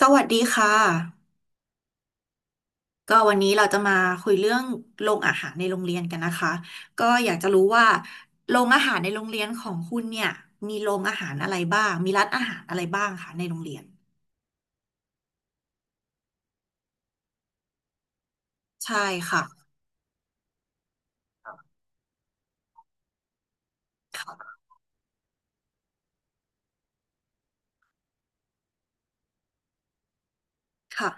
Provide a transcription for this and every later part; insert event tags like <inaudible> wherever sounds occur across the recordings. สวัสดีค่ะก็วันนี้เราจะมาคุยเรื่องโรงอาหารในโรงเรียนกันนะคะก็อยากจะรู้ว่าโรงอาหารในโรงเรียนของคุณเนี่ยมีโรงอาหารอะไรบ้างมีร้านอาหารอะไรบ้างคะในโรงเรียนใช่ค่ะค่ะค่ะ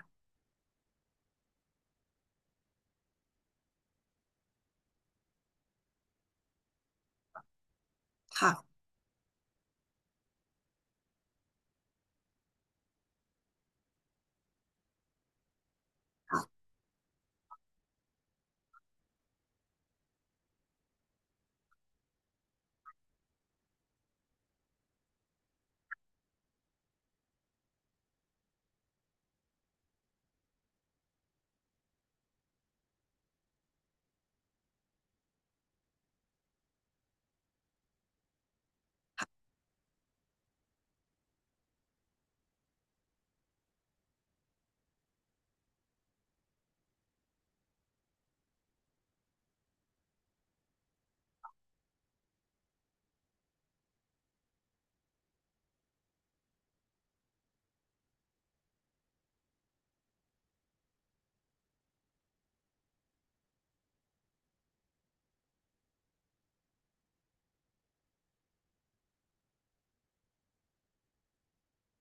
ค่ะ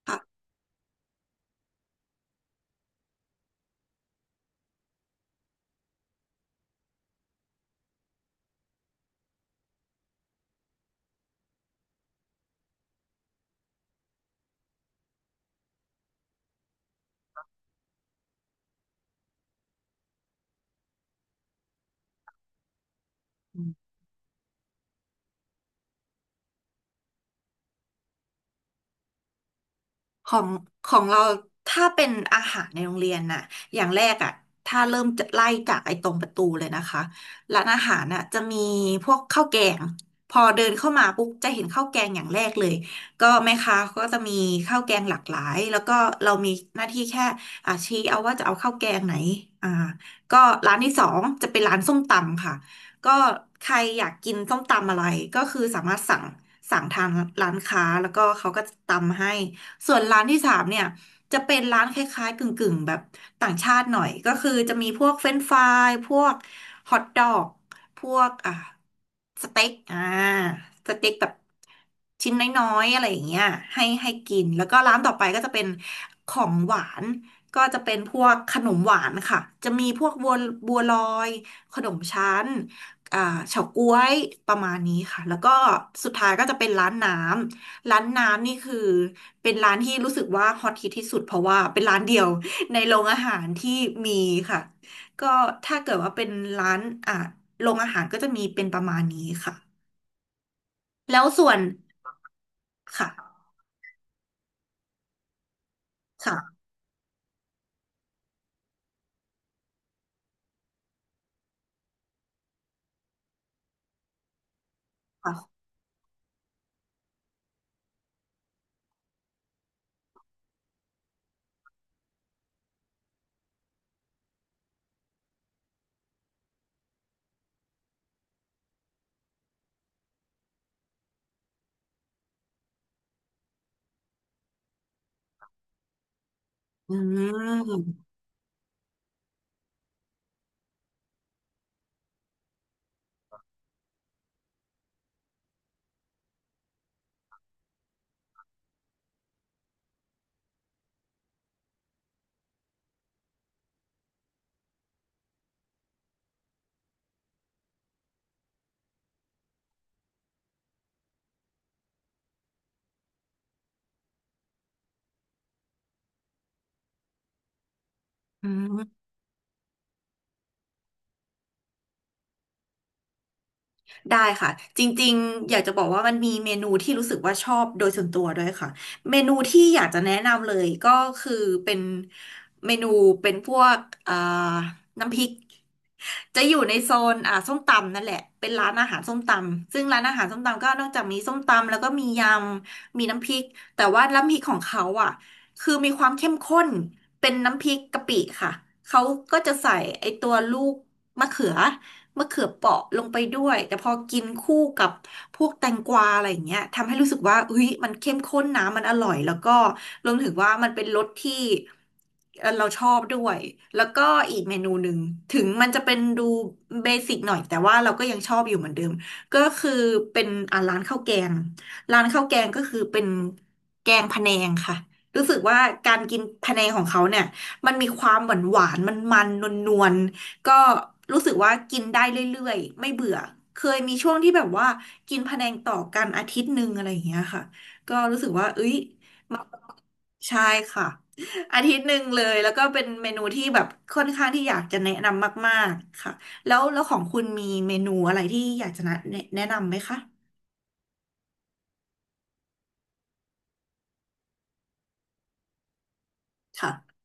ค่ะ ของของเราถ้าเป็นอาหารในโรงเรียนน่ะอย่างแรกอ่ะถ้าเริ่มจะไล่จากไอ้ตรงประตูเลยนะคะร้านอาหารน่ะจะมีพวกข้าวแกงพอเดินเข้ามาปุ๊บจะเห็นข้าวแกงอย่างแรกเลยก็แม่ค้าก็จะมีข้าวแกงหลากหลายแล้วก็เรามีหน้าที่แค่อ่ะชี้เอาว่าจะเอาข้าวแกงไหนอ่าก็ร้านที่สองจะเป็นร้านส้มตำค่ะก็ใครอยากกินส้มตำอะไรก็คือสามารถสั่งทางร้านค้าแล้วก็เขาก็ตำให้ ส่วนร้านที่สามเนี่ยจะเป็นร้านคล้ายๆกึ่งๆแบบต่างชาติหน่อยก็คือจะมีพวกเฟรนช์ฟรายพวกฮอทดอกพวกสเต็กสเต็กแบบชิ้นน้อยๆอะไรอย่างเงี้ยให้กินแล้วก็ร้านต่อไปก็จะเป็นของหวานก็จะเป็นพวกขนมหวานค่ะจะมีพวกบัวลอยขนมชั้นอ่าเฉาก๊วยประมาณนี้ค่ะแล้วก็สุดท้ายก็จะเป็นร้านน้ำ ร้านน้ำนี่คือเป็นร้านที่รู้สึกว่าฮอตฮิตที่สุดเพราะว่าเป็นร้านเดียว <laughs> ในโรงอาหารที่มีค่ะก็ถ้าเกิดว่าเป็นร้านอ่ะโรงอาหารก็จะมีเป็นประมาณนี้ค่ะแล้วส่วนค่ะค่ะค่ะอืมอืม ได้ค่ะจริงๆอยากจะบอกว่ามันมีเมนูที่รู้สึกว่าชอบโดยส่วนตัวด้วยค่ะเมนูที่อยากจะแนะนำเลยก็คือเป็นเมนูเป็นพวกเอ่อน้ำพริกจะอยู่ในโซนส้มตำนั่นแหละเป็นร้านอาหารส้มตำซึ่งร้านอาหารส้มตำก็นอกจากมีส้มตำแล้วก็มียำมีน้ำพริกแต่ว่าน้ำพริกของเขาอ่ะคือมีความเข้มข้นเป็นน้ำพริกกะปิค่ะเขาก็จะใส่ไอตัวลูกมะเขือ มะเขือเปราะลงไปด้วยแต่พอกินคู่กับพวกแตงกวาอะไรอย่างเงี้ยทำให้รู้สึกว่าเฮ้ยมันเข้มข้นนะมันอร่อยแล้วก็รวมถึงว่ามันเป็นรสที่เราชอบด้วยแล้วก็อีกเมนูหนึ่งถึงมันจะเป็นดูเบสิกหน่อยแต่ว่าเราก็ยังชอบอยู่เหมือนเดิมก็คือเป็นร้านข้าวแกงร้านข้าวแกงก็คือเป็นแกงพะแนงค่ะรู้สึกว่าการกินพะแนงของเขาเนี่ยมันมีความหวานหวานมันนวลๆ ก็รู้สึกว่ากินได้เรื่อยๆไม่เบื่อเคยมีช่วงที่แบบว่ากินพะแนงต่อกันอาทิตย์หนึ่งอะไรอย่างเงี้ยค่ะก็รู้สึกว่าเอ้ยมาใช่ค่ะอาทิตย์หนึ่งเลยแล้วก็เป็นเมนูที่แบบค่อนข้างที่อยากจะแนะนำมากๆค่ะแล้วของคุณมีเมนูอะไรที่อยากจะแนะนำไหมคะค่ะ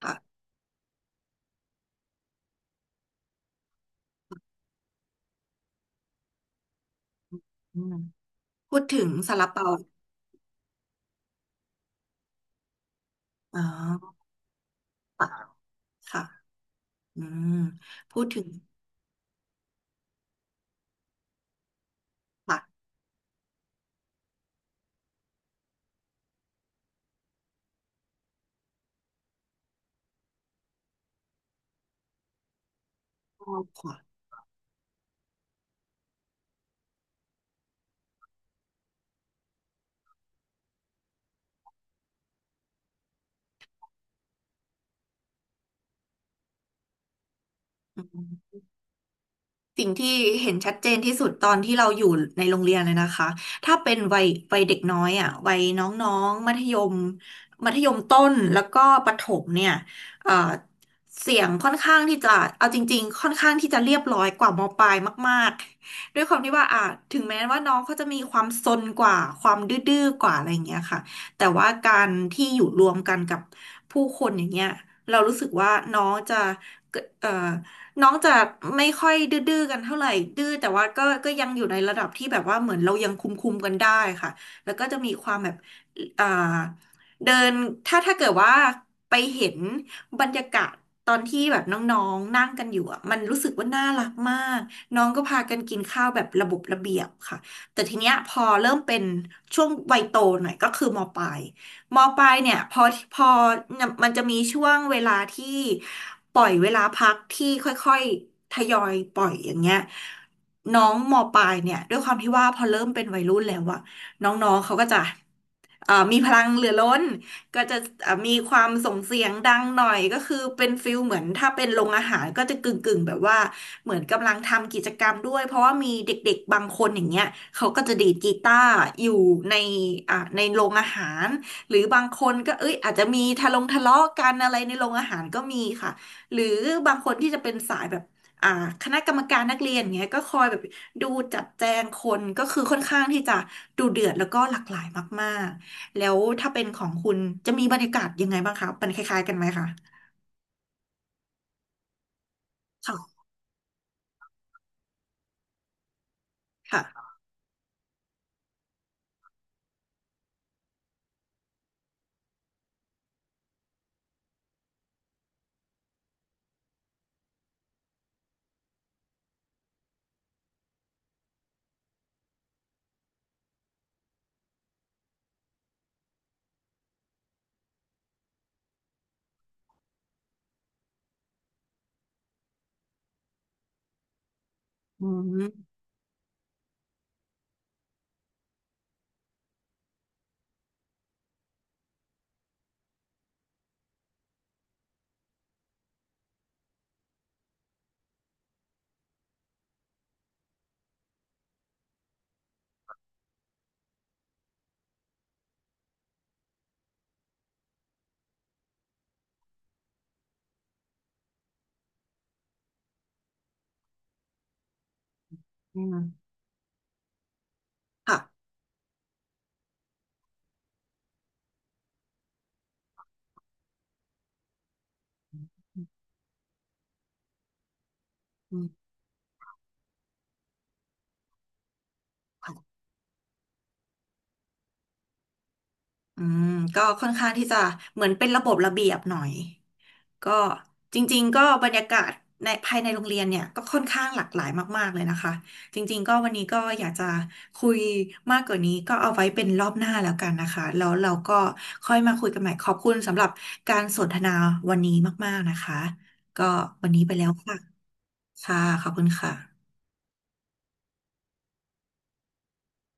ค่ะอืมพูดถึงซาลาเปาอ๋อค่ะค่ะอืมพูดถึงค่ะชอบค่ะ สิ่งที่เห็นชัดเจนที่สุดตอนที่เราอยู่ในโรงเรียนเลยนะคะ ถ้าเป็นวัยเด็กน้อยอ่ะวัยน้องๆมัธยมต้นแล้วก็ประถมเนี่ยเอ่อเสียงค่อนข้างที่จะเอาจริงๆค่อนข้างที่จะเรียบร้อยกว่ามปลายมากๆด้วยความที่ว่าอ่ะถึงแม้ว่าน้องเขาจะมีความซนกว่าความดื้อๆกว่าอะไรอย่างเงี้ยค่ะแต่ว่าการที่อยู่รวมกันกับผู้คนอย่างเงี้ยเรารู้สึกว่าน้องจะเกิดน้องจะไม่ค่อยดื้อๆกันเท่าไหร่ดื้อแต่ว่าก็ยังอยู่ในระดับที่แบบว่าเหมือนเรายังคุมกันได้ค่ะแล้วก็จะมีความแบบอ่าเดินถ้าเกิดว่าไปเห็นบรรยากาศตอนที่แบบน้องๆนั่งกันอยู่อ่ะมันรู้สึกว่าน่ารักมากน้องก็พากันกินข้าวแบบระบบระเบียบค่ะแต่ทีเนี้ยพอเริ่มเป็นช่วงวัยโตหน่อยก็คือมปลาย มปลายเนี่ยพอมันจะมีช่วงเวลาที่ปล่อยเวลาพักที่ค่อยๆทยอยปล่อยอย่างเงี้ยน้องมปลายเนี่ยด้วยความที่ว่าพอเริ่มเป็นวัยรุ่นแล้วอะน้องๆเขาก็จะมีพลังเหลือล้นก็จะมีความส่งเสียงดังหน่อยก็คือเป็นฟิลเหมือนถ้าเป็นโรงอาหารก็จะกึ่งๆแบบว่าเหมือนกำลังทำกิจกรรมด้วยเพราะว่ามีเด็กๆบางคนอย่างเงี้ยเขาก็จะดีดกีตาร์อยู่ในอ่ะในโรงอาหาร หรือบางคนก็เอ้ยอาจจะมีทะลงทะเลาะกันอะไรในโรงอาหารก็มีค่ะหรือบางคนที่จะเป็นสายแบบอ่าคณะกรรมการนักเรียนเงี้ยก็คอยแบบดูจัดแจงคนก็คือค่อนข้างที่จะดูเดือดแล้วก็หลากหลายมากๆ แล้วถ้าเป็นของคุณจะมีบรรยากาศยังไงบ้างคะมันคล้ายๆกันไหมคะค่ะค่ะอืมอืมค่ะอืมค่ะอืมก็ค่อนข้างที่จะเหมือนเป็นระบบระเบียบหน่อย ก็จริงๆก็บรรยากาศในภายในโรงเรียนเนี่ยก็ค่อนข้างหลากหลายมากๆเลยนะคะจริงๆก็วันนี้ก็อยากจะคุยมากกว่านี้ก็เอาไว้เป็นรอบหน้าแล้วกันนะคะแล้วเราก็ค่อยมาคุยกันใหม่ขอบคุณสำหรับการสนทนาวันนี้มากๆนะคะก็วันนี้ไปแล้วค่ะค่ะขอบคุณค่ะ